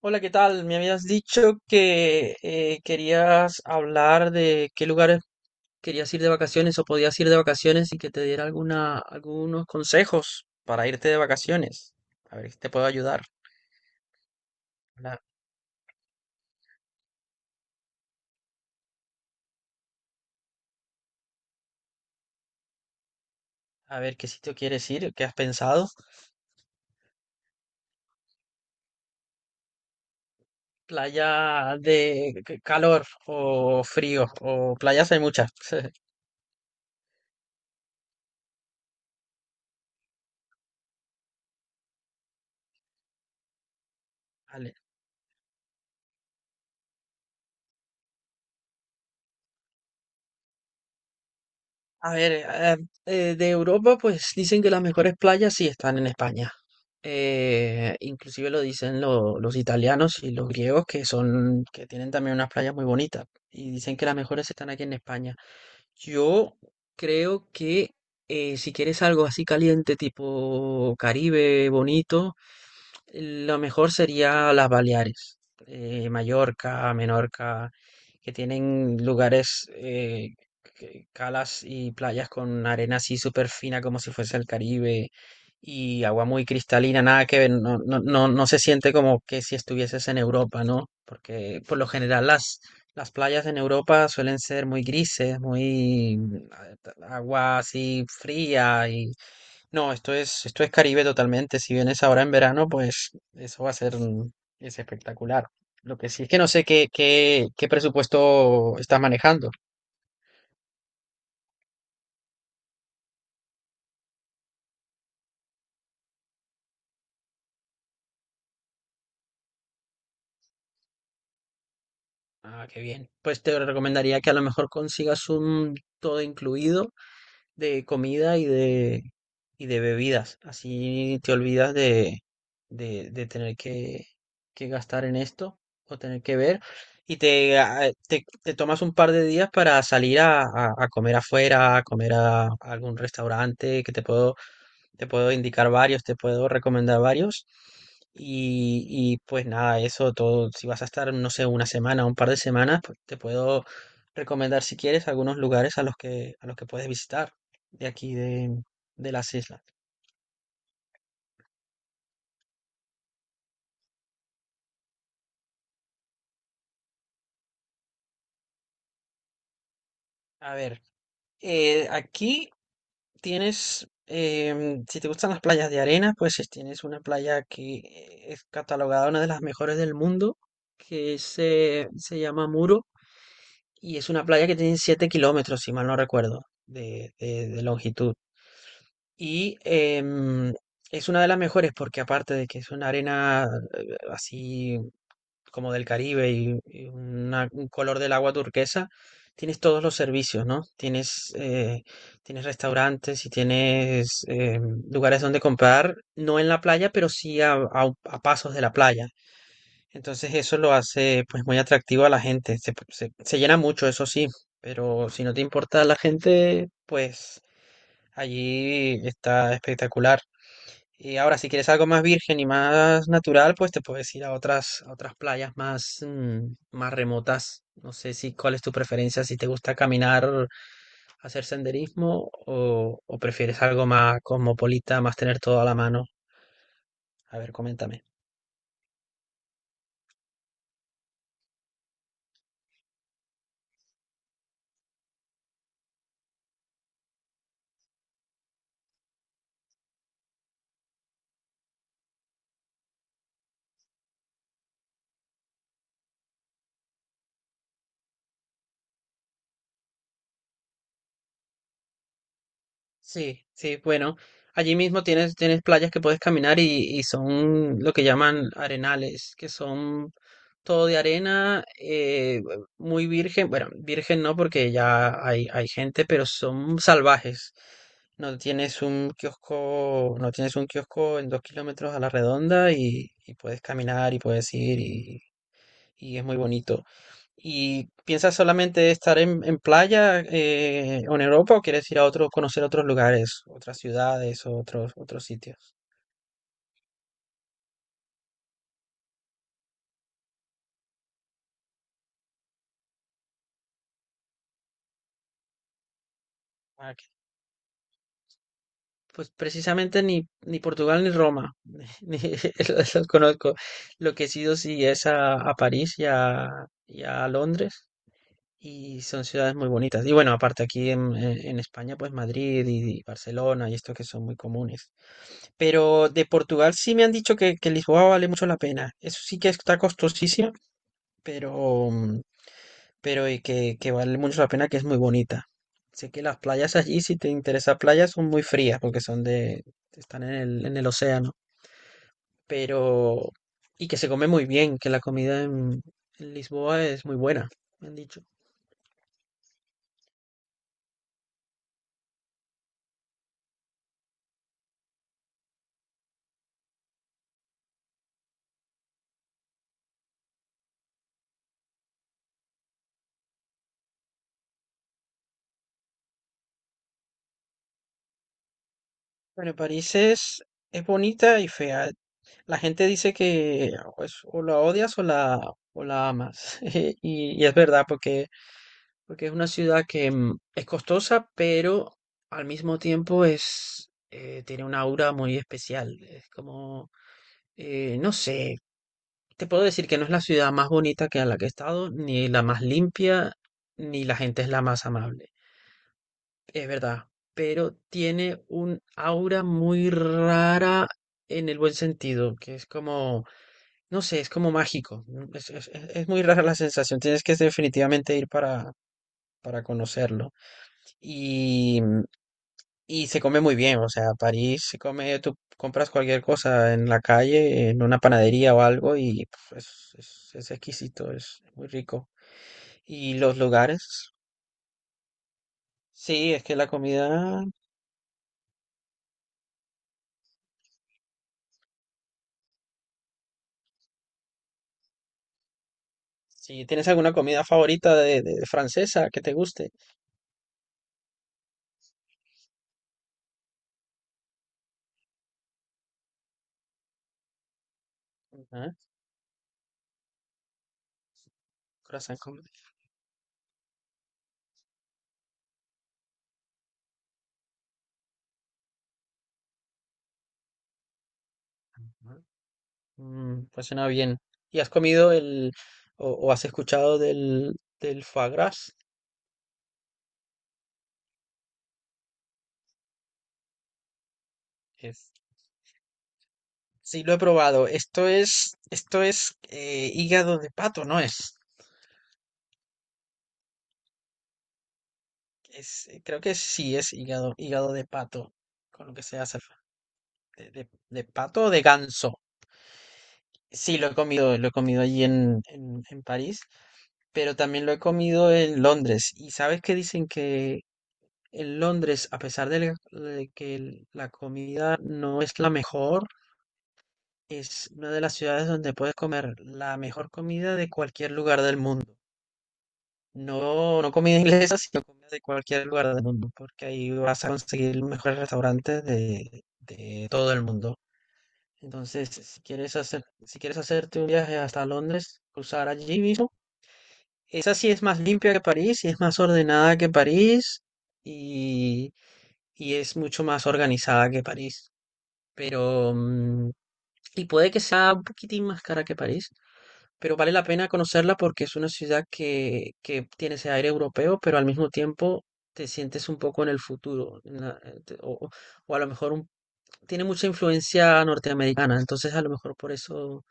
Hola, ¿qué tal? Me habías dicho que querías hablar de qué lugares querías ir de vacaciones o podías ir de vacaciones y que te diera algunos consejos para irte de vacaciones. A ver si te puedo ayudar. Hola. A ver qué sitio quieres ir, qué has pensado. Playa de calor o frío o playas hay muchas. Vale. A ver, de Europa, pues dicen que las mejores playas sí están en España. Inclusive lo dicen los italianos y los griegos, que tienen también unas playas muy bonitas. Y dicen que las mejores están aquí en España. Yo creo que si quieres algo así caliente, tipo Caribe, bonito, lo mejor sería las Baleares, Mallorca, Menorca, que tienen lugares, calas y playas con arena así súper fina como si fuese el Caribe y agua muy cristalina, nada que ver, no, no, no, no se siente como que si estuvieses en Europa, ¿no? Porque por lo general las playas en Europa suelen ser muy grises, muy agua así fría y no, esto es Caribe totalmente. Si vienes ahora en verano, pues eso va a ser mm, es espectacular. Lo que sí es que no sé qué presupuesto estás manejando. Ah, qué bien. Pues te recomendaría que a lo mejor consigas un todo incluido de comida y de bebidas. Así te olvidas de tener que gastar en esto o tener que ver. Y te tomas un par de días para salir a comer afuera, a comer a algún restaurante que te puedo indicar varios, te puedo recomendar varios. Y, pues nada, eso todo. Si vas a estar, no sé, una semana, un par de semanas, pues te puedo recomendar si quieres algunos lugares a los que puedes visitar de aquí de las islas. A ver, aquí tienes, si te gustan las playas de arena, pues tienes una playa que es catalogada una de las mejores del mundo, que se llama Muro. Y es una playa que tiene 7 km, si mal no recuerdo, de longitud. Y es una de las mejores porque aparte de que es una arena así como del Caribe y un color del agua turquesa, tienes todos los servicios, ¿no? Tienes restaurantes y tienes lugares donde comprar, no en la playa, pero sí a pasos de la playa, entonces eso lo hace pues muy atractivo a la gente. Se llena mucho, eso sí, pero si no te importa la gente, pues allí está espectacular. Y ahora si quieres algo más virgen y más natural, pues te puedes ir a otras playas más remotas. No sé si cuál es tu preferencia, si te gusta caminar, hacer senderismo o prefieres algo más cosmopolita, más tener todo a la mano. A ver, coméntame. Sí, sí, bueno, allí mismo tienes playas que puedes caminar y son lo que llaman arenales, que son todo de arena, muy virgen, bueno, virgen no porque ya hay gente, pero son salvajes. No tienes un kiosco, no tienes un kiosco en 2 km a la redonda y puedes caminar y puedes ir y es muy bonito. ¿Y piensas solamente estar en playa o en Europa o quieres ir conocer otros lugares, otras ciudades o otros sitios? Ah, ok. Pues precisamente ni Portugal ni Roma, ni los conozco. Lo que he sido sí es a París y a Londres. Y son ciudades muy bonitas. Y bueno, aparte aquí en España, pues Madrid y Barcelona y estos que son muy comunes. Pero de Portugal sí me han dicho que Lisboa vale mucho la pena. Eso sí que está costosísimo, pero, mm, pero y que vale mucho la pena, que es muy bonita. Sé que las playas allí, si te interesa playas, son muy frías porque están en el océano. Pero, y que se come muy bien, que la comida en Lisboa es muy buena, me han dicho. Bueno, París es bonita y fea. La gente dice que pues, o la odias o la amas. Y es verdad, porque, porque es una ciudad es costosa, pero al mismo tiempo tiene una aura muy especial. Es como, no sé, te puedo decir que no es la ciudad más bonita que a la que he estado, ni la más limpia, ni la gente es la más amable. Es verdad, pero tiene un aura muy rara en el buen sentido, que es como, no sé, es como mágico, ¿no? Es muy rara la sensación, tienes que definitivamente ir para conocerlo. Y, mm, y se come muy bien, o sea, París se come, tú compras cualquier cosa en la calle, en una panadería o algo, y es exquisito, es muy rico. Y los lugares, sí, es que la comida. Si tienes alguna comida favorita francesa que te guste. Ajá, croissant con- ajá. Pues suena bien. ¿Y has comido o has escuchado del foie gras? Es- Sí, lo he probado. Esto es hígado de pato, ¿no es? Creo que sí es hígado de pato con lo que se hace de pato o de ganso. Sí, lo he comido allí en París. Pero también lo he comido en Londres. Y sabes que dicen que en Londres, a pesar de que la comida no es la mejor, es una de las ciudades donde puedes comer la mejor comida de cualquier lugar del mundo. No, no comida inglesa, sino comida de cualquier lugar del mundo, porque ahí vas a conseguir los mejores restaurantes de todo el mundo. Entonces, si quieres hacerte un viaje hasta Londres, cruzar allí mismo. Esa sí es más limpia que París y es más ordenada que París y, y es mucho más organizada que París. Pero, y puede que sea un poquitín más cara que París, pero vale la pena conocerla porque es una ciudad que tiene ese aire europeo, pero al mismo tiempo te sientes un poco en el futuro, en la- te- o a lo mejor un- tiene mucha influencia norteamericana, entonces a lo mejor por eso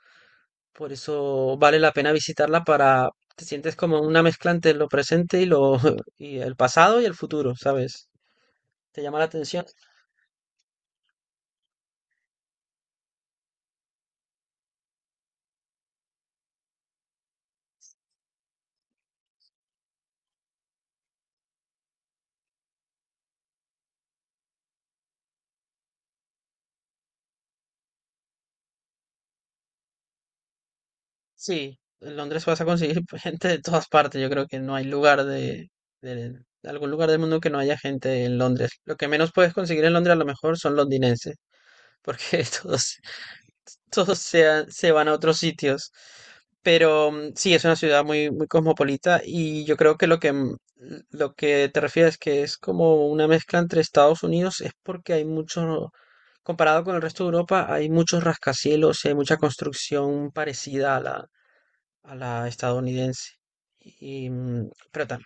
por eso vale la pena visitarla para. Te sientes como una mezcla entre lo presente y lo y el pasado y el futuro, ¿sabes? ¿Te llama la atención? Sí, en Londres vas a conseguir gente de todas partes. Yo creo que no hay lugar de algún lugar del mundo que no haya gente en Londres. Lo que menos puedes conseguir en Londres a lo mejor son londinenses, porque todos se van a otros sitios. Pero sí, es una ciudad muy, muy cosmopolita y yo creo que lo que te refieres que es como una mezcla entre Estados Unidos es porque hay mucho, comparado con el resto de Europa, hay muchos rascacielos y hay mucha construcción parecida a la estadounidense. Y, mm, pero tam-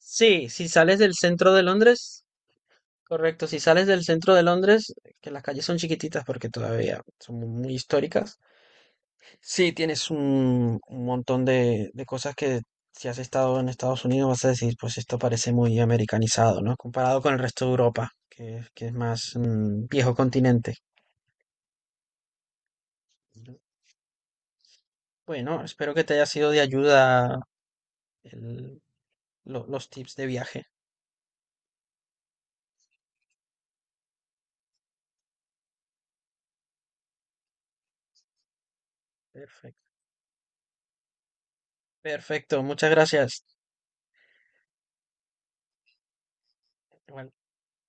Sí, si sales del centro de Londres. Correcto, si sales del centro de Londres, que las calles son chiquititas porque todavía son muy históricas, sí tienes un montón de cosas que si has estado en Estados Unidos vas a decir, pues esto parece muy americanizado, ¿no? Comparado con el resto de Europa, que es más viejo continente. Bueno, espero que te haya sido de ayuda el- los tips de viaje. Perfecto. Perfecto, muchas gracias. Igual-